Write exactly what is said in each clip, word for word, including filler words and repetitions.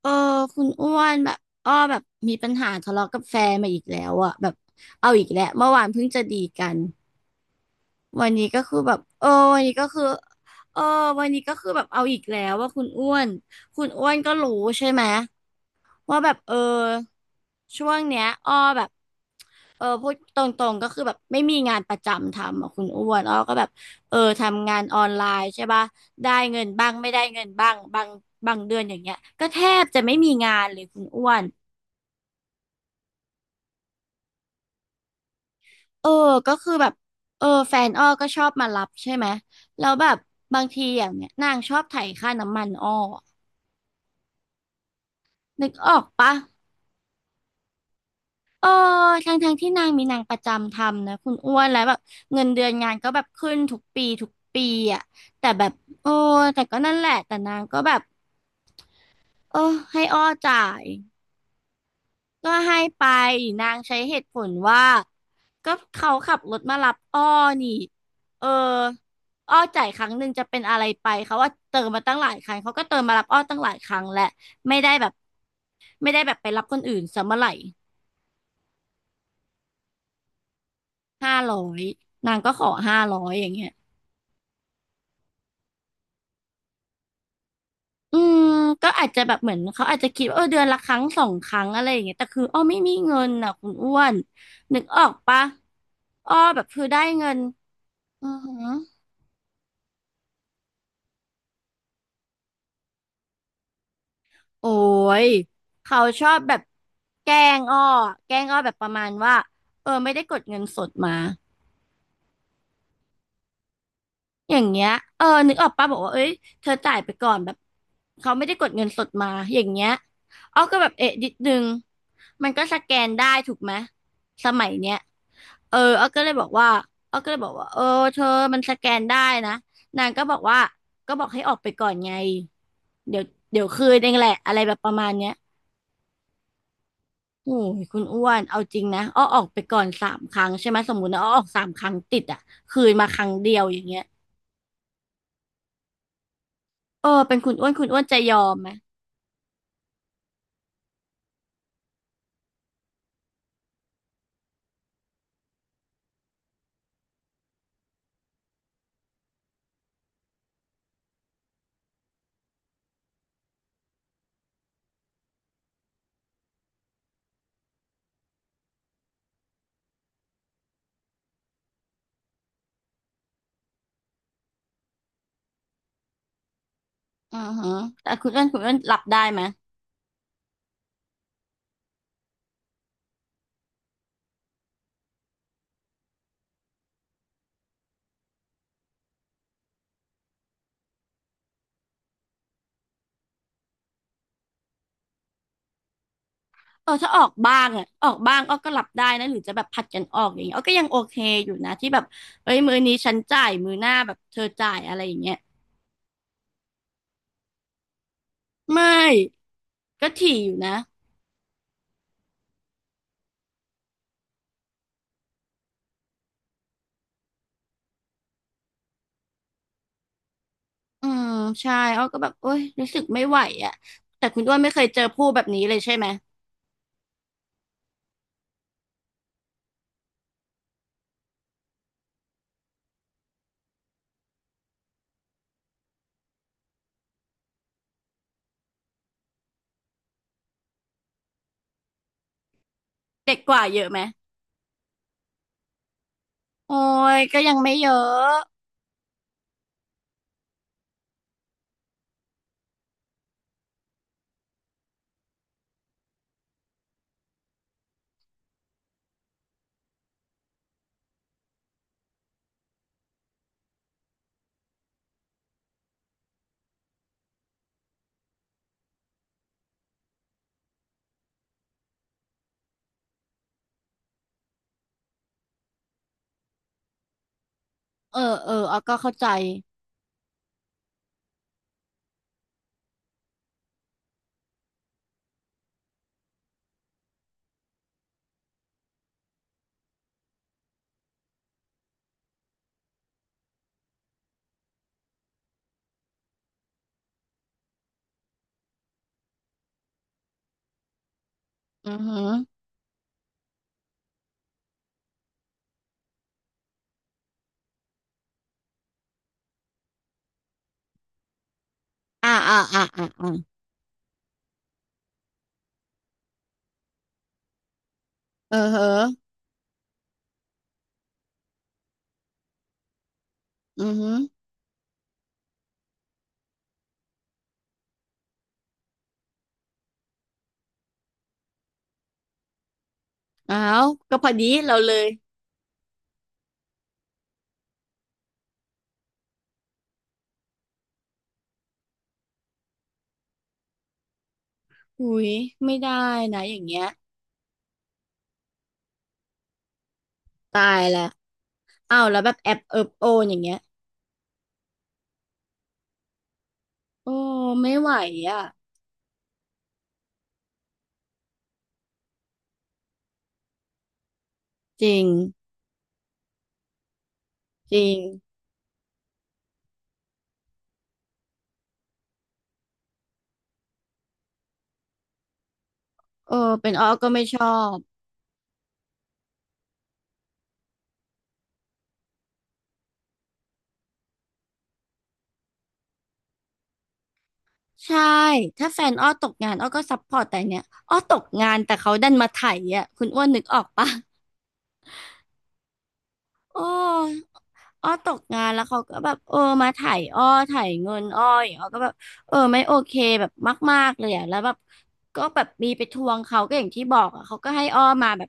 เออคุณอ้วนแบบอ้อแบบมีปัญหาทะเลาะกับแฟนมาอีกแล้วอะแบบเอาอีกแล้วเมื่อวานเพิ่งจะดีกันวันนี้ก็คือแบบเออวันนี้ก็คือเออวันนี้ก็คือแบบเอาอีกแล้วว่าคุณอ้วนคุณอ้วนก็รู้ใช่ไหม ว่าแบบเออช่วงเนี้ยอ้อแบบเออพูดตรงๆก็คือแบบไม่มีงานประจำทำอ่ะคุณอ้วนอ้อก็แบบเออทำงานออนไลน์ใช่ป่ะได้เงินบ้างไม่ได้เงินบ้างบางบางเดือนอย่างเงี้ยก็แทบจะไม่มีงานเลยคุณอ้วนเออก็คือแบบเออแฟนอ้อก็ชอบมารับใช่ไหมแล้วแบบบางทีอย่างเงี้ยนางชอบไถค่าน้ำมันอ้อนึกออกปะ เออทั้งทั้งที่นางมีนางประจำทำนะคุณอ้วนแล้วแบบเงินเดือนงานก็แบบขึ้นทุกปีทุกปีอ่ะแต่แบบโอ้แต่ก็นั่นแหละแต่นางก็แบบเออให้อ้อจ่ายก็ให้ไปนางใช้เหตุผลว่าก็เขาขับรถมารับอ้อนี่เอออ้อจ่ายครั้งหนึ่งจะเป็นอะไรไปเขาว่าเติมมาตั้งหลายครั้งเขาก็เติมมารับอ้อตั้งหลายครั้งแหละไม่ได้แบบไม่ได้แบบไปรับคนอื่นซะเมื่อไหร่ห้าร้อยนางก็ขอห้าร้อยอย่างเงี้ย อืมก็อาจจะแบบเหมือนเขาอาจจะคิดว่าเออเดือนละครั้งสองครั้งอะไรอย่างเงี้ยแต่คืออ้อไม่มีเงินอ่ะคุณอ้วนนึกออกปะอ้อแบบคือได้เงินอือหือโอ้ยเขาชอบแบบแกล้งอ้อแกล้งอ้อแบบประมาณว่าเออไม่ได้กดเงินสดมา อย่างเงี้ยเออนึกออกปะบอกว่าเอ้ยเธอจ่ายไปก่อนแบบเขาไม่ได้กดเงินสดมา อย่างเงี้ยอ้อก็แบบเอ๊ะนิดนึงมันก็สแกนได้ถูกไหม สมัยเนี้ย เอออ้อก็เลยบอกว่าอ้อก็เลยบอกว่าเออเธอมันสแกนได้นะนางก็บอกว่าก็บอกให้ออกไปก่อนไง เดี๋ยวเดี๋ยวคืนเองแหละอะไรแบบประมาณเนี้ยโอ้ยคุณอ้วน เอาจริงนะอ้อออกไปก่อนสามครั้งใช่ไหมสมมุตินะอ้อออกสามครั้งติดอ่ะคืนมาครั้งเดียวอย่างเงี้ยเออเป็นคุณอ้วน คุณอ้วนจะยอมไหม อือฮึแต่คุณอ้วนคุณอ้วนหลับได้ไหมเออถ้าออกบ้างอ่ะออกบ้างอ้อก็หลับได้นะหรือจะแบบผัดกันออกอย่างเงี้ยอ้อก็ยังโอเคอยู่นะที่แบบเอ้ยมือนี้ฉันจ่ายมือหน้าแบบเธอจ่ายอะไรอย่างเงี้ยไม่ก็ถี่อยู่นะอืมใช่อ้อก็แบบโอ๊ยรู้สึกไม่ไหวอ่ะแต่คุณอ้วนไม่เคยเจอผู้แบบนี้เลยใช่ไหมเด็กกว่าเยอะไหมโอ้ยก็ยังไม่เยอะเออเอออ้อก็เข้าใจอือฮึอ่าอ่าอ่าอ่าอ่าเออเฮออือฮึอ้าวก็พอดีเราเลย อุ้ยไม่ได้นะอย่างเงี้ยตายแล้วอ้าวแล้วแบบแอบเอิบโอนอย่างเงี้ยโอ้ไม่ไหวอ่ะจริงจริงเออเป็นอ้อก็ไม่ชอบใช่ถ้าแฟนอ้อตกงานอ้อก็ซัพพอร์ตแต่เนี้ยอ้อตกงานแต่เขาดันมาไถอ่ะคุณอ้วนนึกออกปะโอ้อ้อตกงานแล้วเขาก็แบบเออมาไถอ้อไถเงินอ้ออย่างอ้อก็แบบเออไม่โอเคแบบมากๆเลยอ่ะแล้วแบบก็แบบมีไปทวงเขาก็อย่างที่บอกอ่ะเขาก็ให้อ้อมาแบบ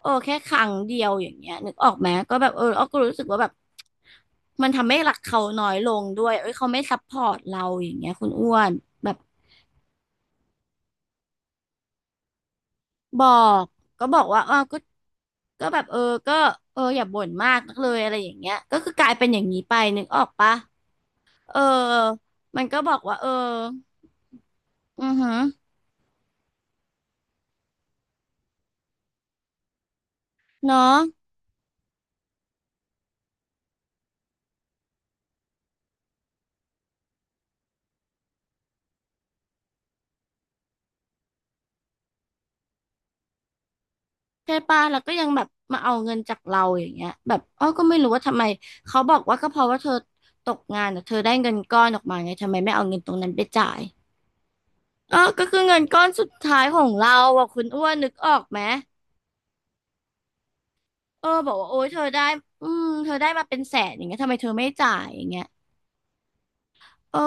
เออแค่ครั้งเดียวอย่างเงี้ยนึกออกไหมก็แบบเอออ้อก็รู้สึกว่าแบบมันทำให้รักเขาน้อยลงด้วยเอ้ยเขาไม่ซัพพอร์ตเราอย่างเงี้ยคุณอ้วนแบบบอกก็บอกว่าอ้าวก็ก็แบบเออก็เอออย่าบ่นมากนักเลยอะไรอย่างเงี้ยก็คือกลายเป็นอย่างนี้ไปนึกออกปะเออมันก็บอกว่าเอออือหือเนาะ ใช่ป่ะแล้วก็ยังแบบมาเอาเงินจากเราอย่างเงี้ยแบบอ้อก็ไม่รู้ว่าทำไมเขาบอกว่าก็เพราะว่าเธอตกงานอะเธอได้เงินก้อนออกมาไงทำไมไม่เอาเงินตรงนั้นไปจ่ายอ้อก็คือเงินก้อนสุดท้ายของเราอ่ะคุณอ้วนนึกออกไหมเออบอกว่าโอ๊ยเธอได้อืมเธอได้มาเป็นแสนอย่างเงี้ยทำไมเธอไม่จ่ายอย่างเงี้ยเออ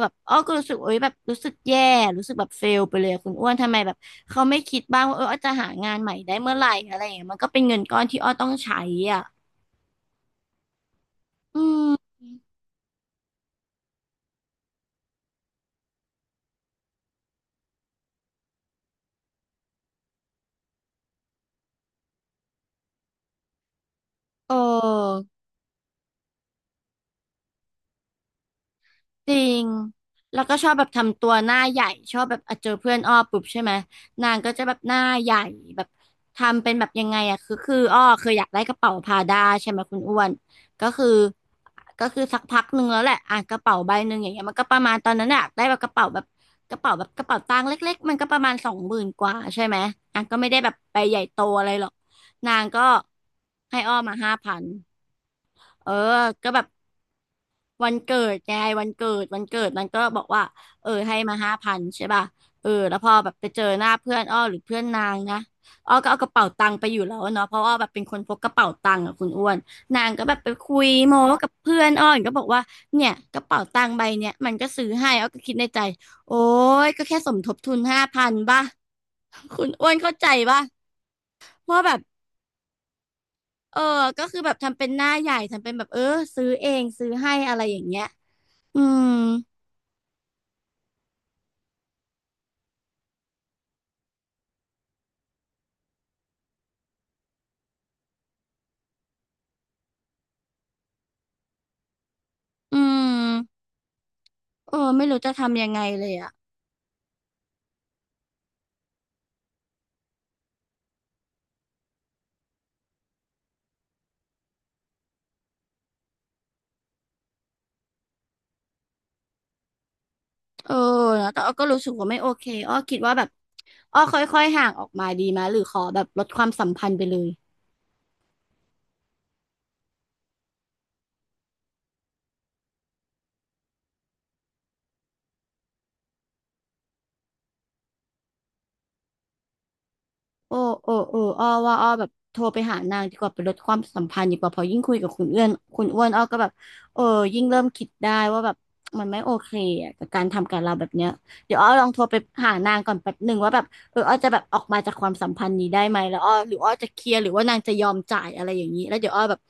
แบบอ้อก็รู้สึกโอ๊ยแบบรู้สึกแย่รู้สึกแบบเฟลไปเลยอะคุณอ้วนทำไมแบบเขาไม่คิดบ้างว่าเอออ้อจะหางานใหม่ได้เมื่อไหร่อะไรอย่างเงี้ยมันก็เป็นเงินก้อนที่อ้อต้องใช้อ่ะอืมเออ จริงแล้วก็ชอบแบบทำตัวหน้าใหญ่ชอบแบบอ่ะเจอเพื่อนอ้อปุ๊บใช่ไหมนางก็จะแบบหน้าใหญ่แบบทำเป็นแบบยังไงอะคือคืออ้อเคยอยากได้กระเป๋าพาด้าใช่ไหมคุณอ้วนก็คือก็คือสักพักหนึ่งแล้วแหละอ่ะกระเป๋าใบหนึ่งอย่างเงี้ยมันก็ประมาณตอนนั้นอะได้แบบกระเป๋าแบบกระเป๋าแบบกระเป๋าตังค์เล็กๆมันก็ประมาณสองหมื่นกว่าใช่ไหมอ่ะก็ไม่ได้แบบไปใหญ่โตอะไรหรอกนางก็ให้อ้อมาห้าพันเออก็แบบ วันเกิดไงวันเกิดวันเกิดมันก็บอกว่าเออให้มาห้าพันใช่ป่ะเออแล้วพอแบบไปเจอหน้าเพื่อนอ้อหรือเพื่อนนางนะอ้อก็เอากระเป๋าตังค์ไปอยู่แล้วเนาะเพราะอ้อแบบเป็นคนพกกระเป๋าตังค์อะคุณอ้วนนางก็แบบไปคุยโม้กับเพื่อนอ้อก็บอกว่าเนี่ยกระเป๋าตังค์ใบเนี้ยมันก็ซื้อให้อ้อก็คิดในใจโอ้ยก็แค่สมทบทุนห้าพันป่ะคุณอ้วนเข้าใจป่ะว่าแบบเออก็คือแบบทำเป็นหน้าใหญ่ทำเป็นแบบเออซื้อเองซื้อให้อะไรอย่างเงี้ยอืม อืมเออไม่รู้จะทำยังไงเลยอ่ะเออนะแต่อ้อก็รู้สึกว่าไม่โอเคอ้อคิดว่าแบบอ้อค่อยๆห่างออกมาดีไหมหรือขอแบบลดความสัมพันธ์ไปเลยโอ้โอ้เอออ้อว่าอ้อแบบโทรไปหานางดีกว่าไปลดความสัมพันธ์ดีกว่าเพอยิ่งคุยกับคุณเอื้อนคุณอ้วนอ้อก็แบบเออยิ่งเริ่มคิดได้ว่าแบบมันไม่โอเคอะกับการทำกับเราแบบเนี้ยเดี๋ยวอ้อลองโทรไปหานางก่อนแป๊บหนึ่งว่าแบบเอออ้อจะแบบออกมาจากความสัมพันธ์นี้ได้ไหมแล้วอ้อหรืออ้อจะเคลียร์หรือว่านางจะยอมจ่ายอะไรอย่างนี้แล้วเดี๋ยวอ้อแบบ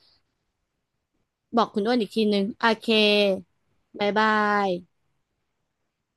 บอกคุณอ้วนอีกทีนึงโอเค บายบาย